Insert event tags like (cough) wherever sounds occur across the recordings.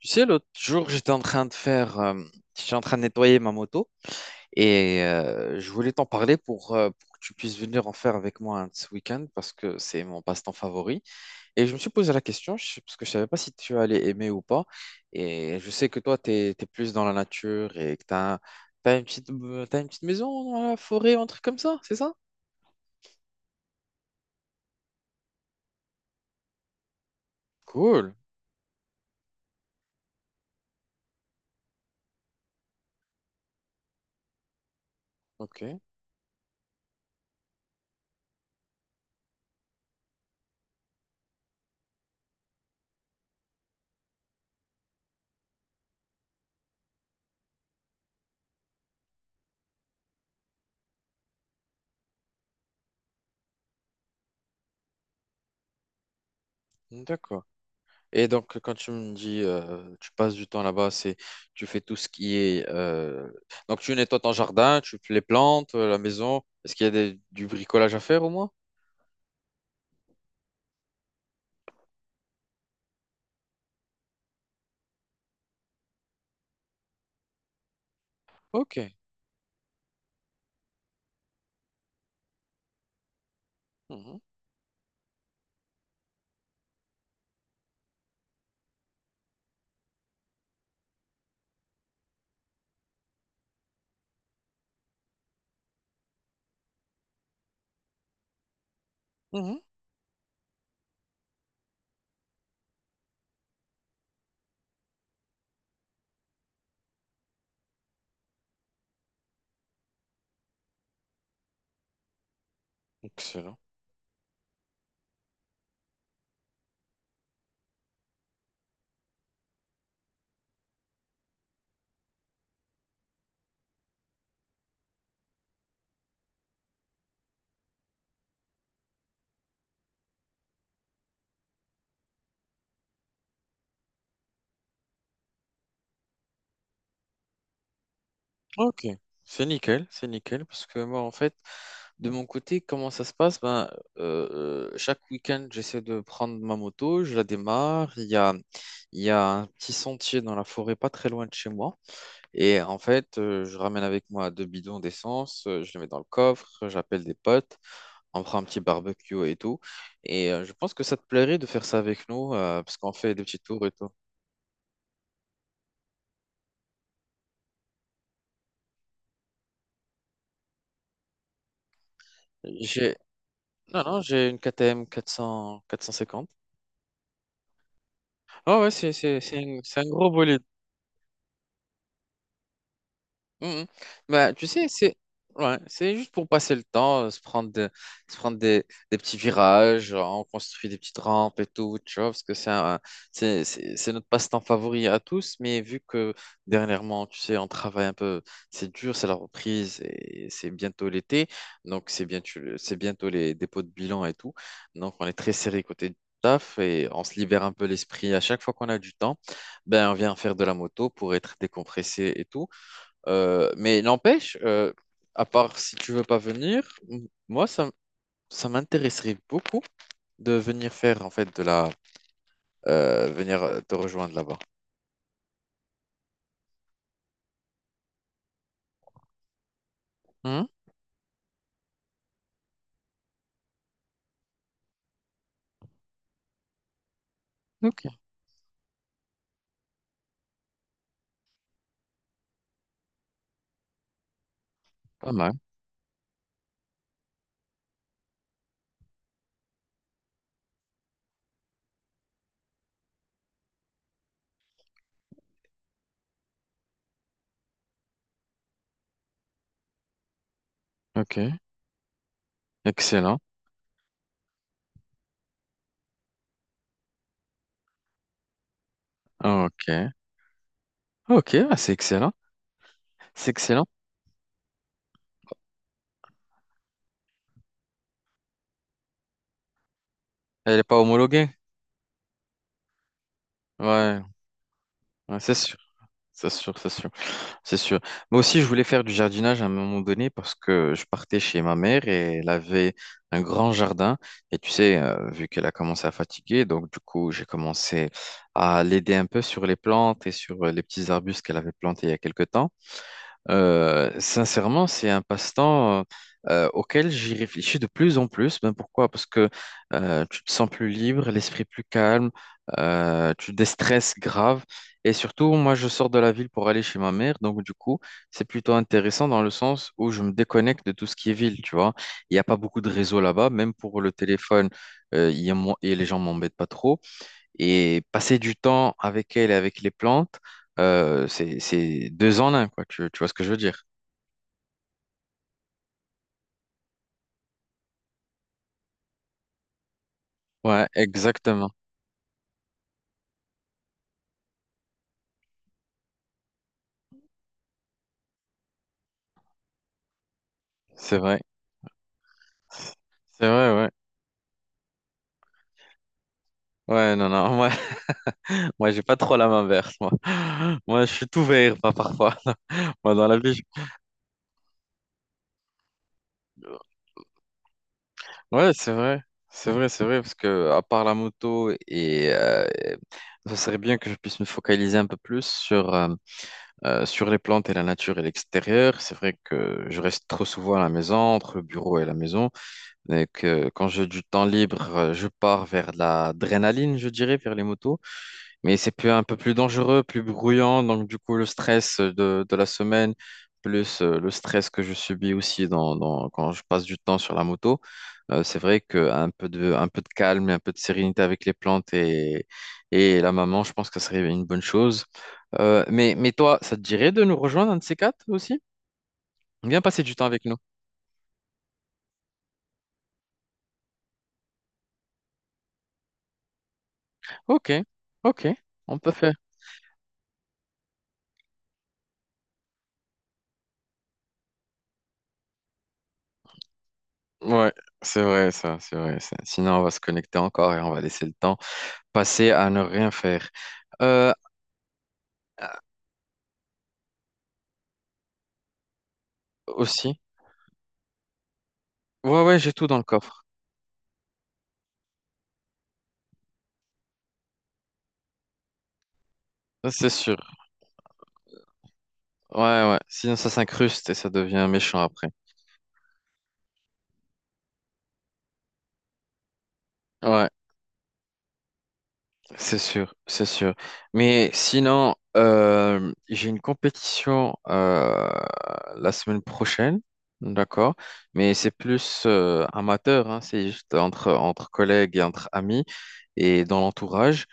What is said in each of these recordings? Tu sais, l'autre jour, j'étais en train de faire, j'étais en train de nettoyer ma moto et je voulais t'en parler pour que tu puisses venir en faire avec moi un de ce week-end parce que c'est mon passe-temps favori. Et je me suis posé la question parce que je savais pas si tu allais aimer ou pas. Et je sais que toi, tu es, plus dans la nature et que tu as, une petite, t'as une petite maison dans la forêt, un truc comme ça, c'est ça? Cool. Ok, d'accord. Et donc, quand tu me dis, tu passes du temps là-bas, c'est, tu fais tout ce qui est, donc tu nettoies ton jardin, tu fais les plantes, la maison. Est-ce qu'il y a des- du bricolage à faire au moins? Ok. Mhm. Mhm. Excellent. Ok. C'est nickel, parce que moi, en fait, de mon côté, comment ça se passe? Ben, euh, chaque week-end, j'essaie de prendre ma moto, je la démarre. Il y a un petit sentier dans la forêt, pas très loin de chez moi. Et en fait, je ramène avec moi deux bidons d'essence, je les mets dans le coffre, j'appelle des potes, on prend un petit barbecue et tout. Et je pense que ça te plairait de faire ça avec nous, parce qu'on fait des petits tours et tout. J'ai... Non, non, j'ai une KTM 400... 450. Ah ouais, c'est un gros bolide. Mhm. Bah, tu sais, c'est juste pour passer le temps, se prendre des petits virages, on construit des petites rampes et tout, tu vois, parce que c'est un- c'est notre passe-temps favori à tous, mais vu que dernièrement, tu sais, on travaille un peu, c'est dur, c'est la reprise et c'est bientôt l'été, donc c'est bien, c'est bientôt les dépôts de bilan et tout, donc on est très serré côté taf et on se libère un peu l'esprit à chaque fois qu'on a du temps, ben on vient faire de la moto pour être décompressé et tout. Mais n'empêche, à part si tu veux pas venir, m- moi, ça, m- ça m'intéresserait beaucoup de venir faire, en fait, de la... venir te rejoindre là-bas. Hein. Ok, pas mal. Ok, excellent. Ok, ok, ah, c'est excellent. C'est excellent. Elle n'est pas homologuée. Ouais, ouais, c'est sûr, c'est sûr, c'est sûr. C'est sûr. Moi aussi, je voulais faire du jardinage à un moment donné parce que je partais chez ma mère et elle avait un grand jardin. Et tu sais, vu qu'elle a commencé à fatiguer, donc du coup, j'ai commencé à l'aider un peu sur les plantes et sur les petits arbustes qu'elle avait plantés il y a quelque temps. Sincèrement, c'est un passe-temps auquel j'y réfléchis de plus en plus. Ben pourquoi? Parce que tu te sens plus libre, l'esprit plus calme, tu déstresses grave. Et surtout, moi, je sors de la ville pour aller chez ma mère. Donc, du coup, c'est plutôt intéressant dans le sens où je me déconnecte de tout ce qui est ville, tu vois. Il n'y a pas beaucoup de réseaux là-bas. Même pour le téléphone, il y a mo- et les gens m'embêtent pas trop. Et passer du temps avec elle et avec les plantes, c'est deux en un, quoi. Tu vois ce que je veux dire? Ouais, exactement. C'est vrai. C'est vrai, ouais. Ouais, non, non. Moi, (laughs) moi j'ai pas trop la main verte, moi. (laughs) Moi, je suis tout vert, pas parfois. (laughs) Moi, dans la vie, je- Ouais, c'est vrai, c'est vrai, c'est vrai, parce que à part la moto ça serait bien que je puisse me focaliser un peu plus sur sur les plantes et la nature et l'extérieur. C'est vrai que je reste trop souvent à la maison, entre le bureau et la maison. Et que quand j'ai du temps libre, je pars vers de l'adrénaline, je dirais, vers les motos. Mais c'est plus, un peu plus dangereux, plus bruyant. Donc, du coup, de la semaine, plus le stress que je subis aussi dans, dans- quand je passe du temps sur la moto, c'est vrai qu'un peu de, un peu de calme et un peu de sérénité avec les plantes et la maman, je pense que ça serait une bonne chose. Mais toi, ça te dirait de nous rejoindre, un de ces quatre aussi? Viens passer du temps avec nous. Ok, ok, on peut faire. Ouais, c'est vrai ça, c'est vrai ça. Sinon, on va se connecter encore et on va laisser le temps passer à ne rien faire. Euh, aussi. Ouais, ouais, j'ai tout dans le coffre. Ça, c'est sûr. Ouais, ouais. Sinon, ça s'incruste et ça devient méchant après. Ouais. C'est sûr, c'est sûr. Mais sinon, j'ai une compétition la semaine prochaine, d'accord? Mais c'est plus amateur, hein, entre collègues et entre amis et dans l'entourage.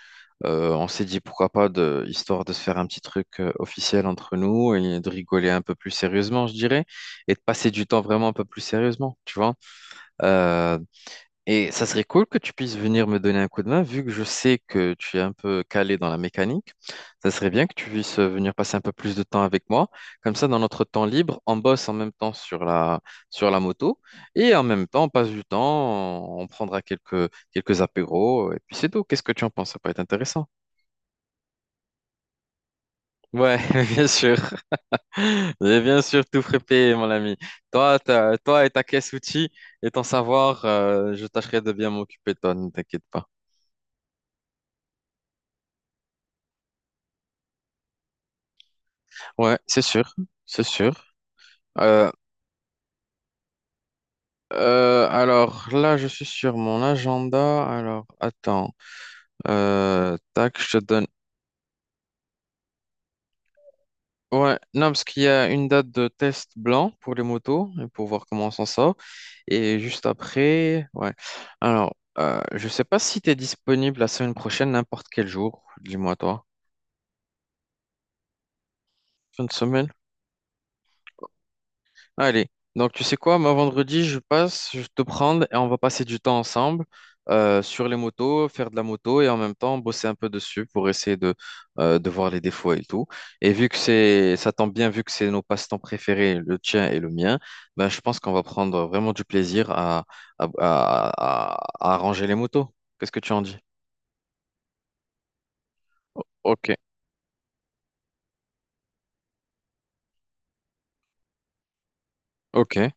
On s'est dit pourquoi pas, histoire de se faire un petit truc officiel entre nous et de rigoler un peu plus sérieusement, je dirais, et de passer du temps vraiment un peu plus sérieusement, tu vois? Euh, et ça serait cool que tu puisses venir me donner un coup de main, vu que je sais que tu es un peu calé dans la mécanique. Ça serait bien que tu puisses venir passer un peu plus de temps avec moi. Comme ça, dans notre temps libre, on bosse en même temps sur la moto et en même temps, on passe du temps, on prendra quelques apéros et puis c'est tout. Qu'est-ce que tu en penses? Ça peut être intéressant. Ouais, (laughs) bien sûr. Et bien sûr, tout frappé, mon ami. Toi et ta caisse outils et ton savoir, je tâcherai de bien m'occuper de toi, ne t'inquiète pas. Ouais, c'est sûr, c'est sûr. Euh, alors là, je suis sur mon agenda. Alors, attends. Tac, je te donne. Ouais, non, parce qu'il y a une date de test blanc pour les motos, et pour voir comment on s'en sort. Et juste après, ouais. Alors, je sais pas si tu es disponible la semaine prochaine, n'importe quel jour. Dis-moi toi. Fin de semaine? Allez, donc tu sais quoi, moi vendredi, je passe, je vais te prendre et on va passer du temps ensemble sur les motos, faire de la moto et en même temps bosser un peu dessus pour essayer de voir les défauts et tout. Et vu que c'est, ça tombe bien, vu que c'est nos passe-temps préférés, le tien et le mien, ben, je pense qu'on va prendre vraiment du plaisir à, à arranger les motos. Qu'est-ce que tu en dis? Ok, ok,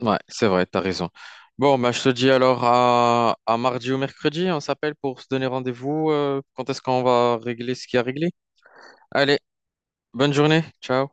ouais, c'est vrai, t'as raison. Bon, bah, je te dis alors à mardi ou mercredi, on s'appelle pour se donner rendez-vous. Quand est-ce qu'on va régler ce qui a réglé? Allez, bonne journée. Ciao.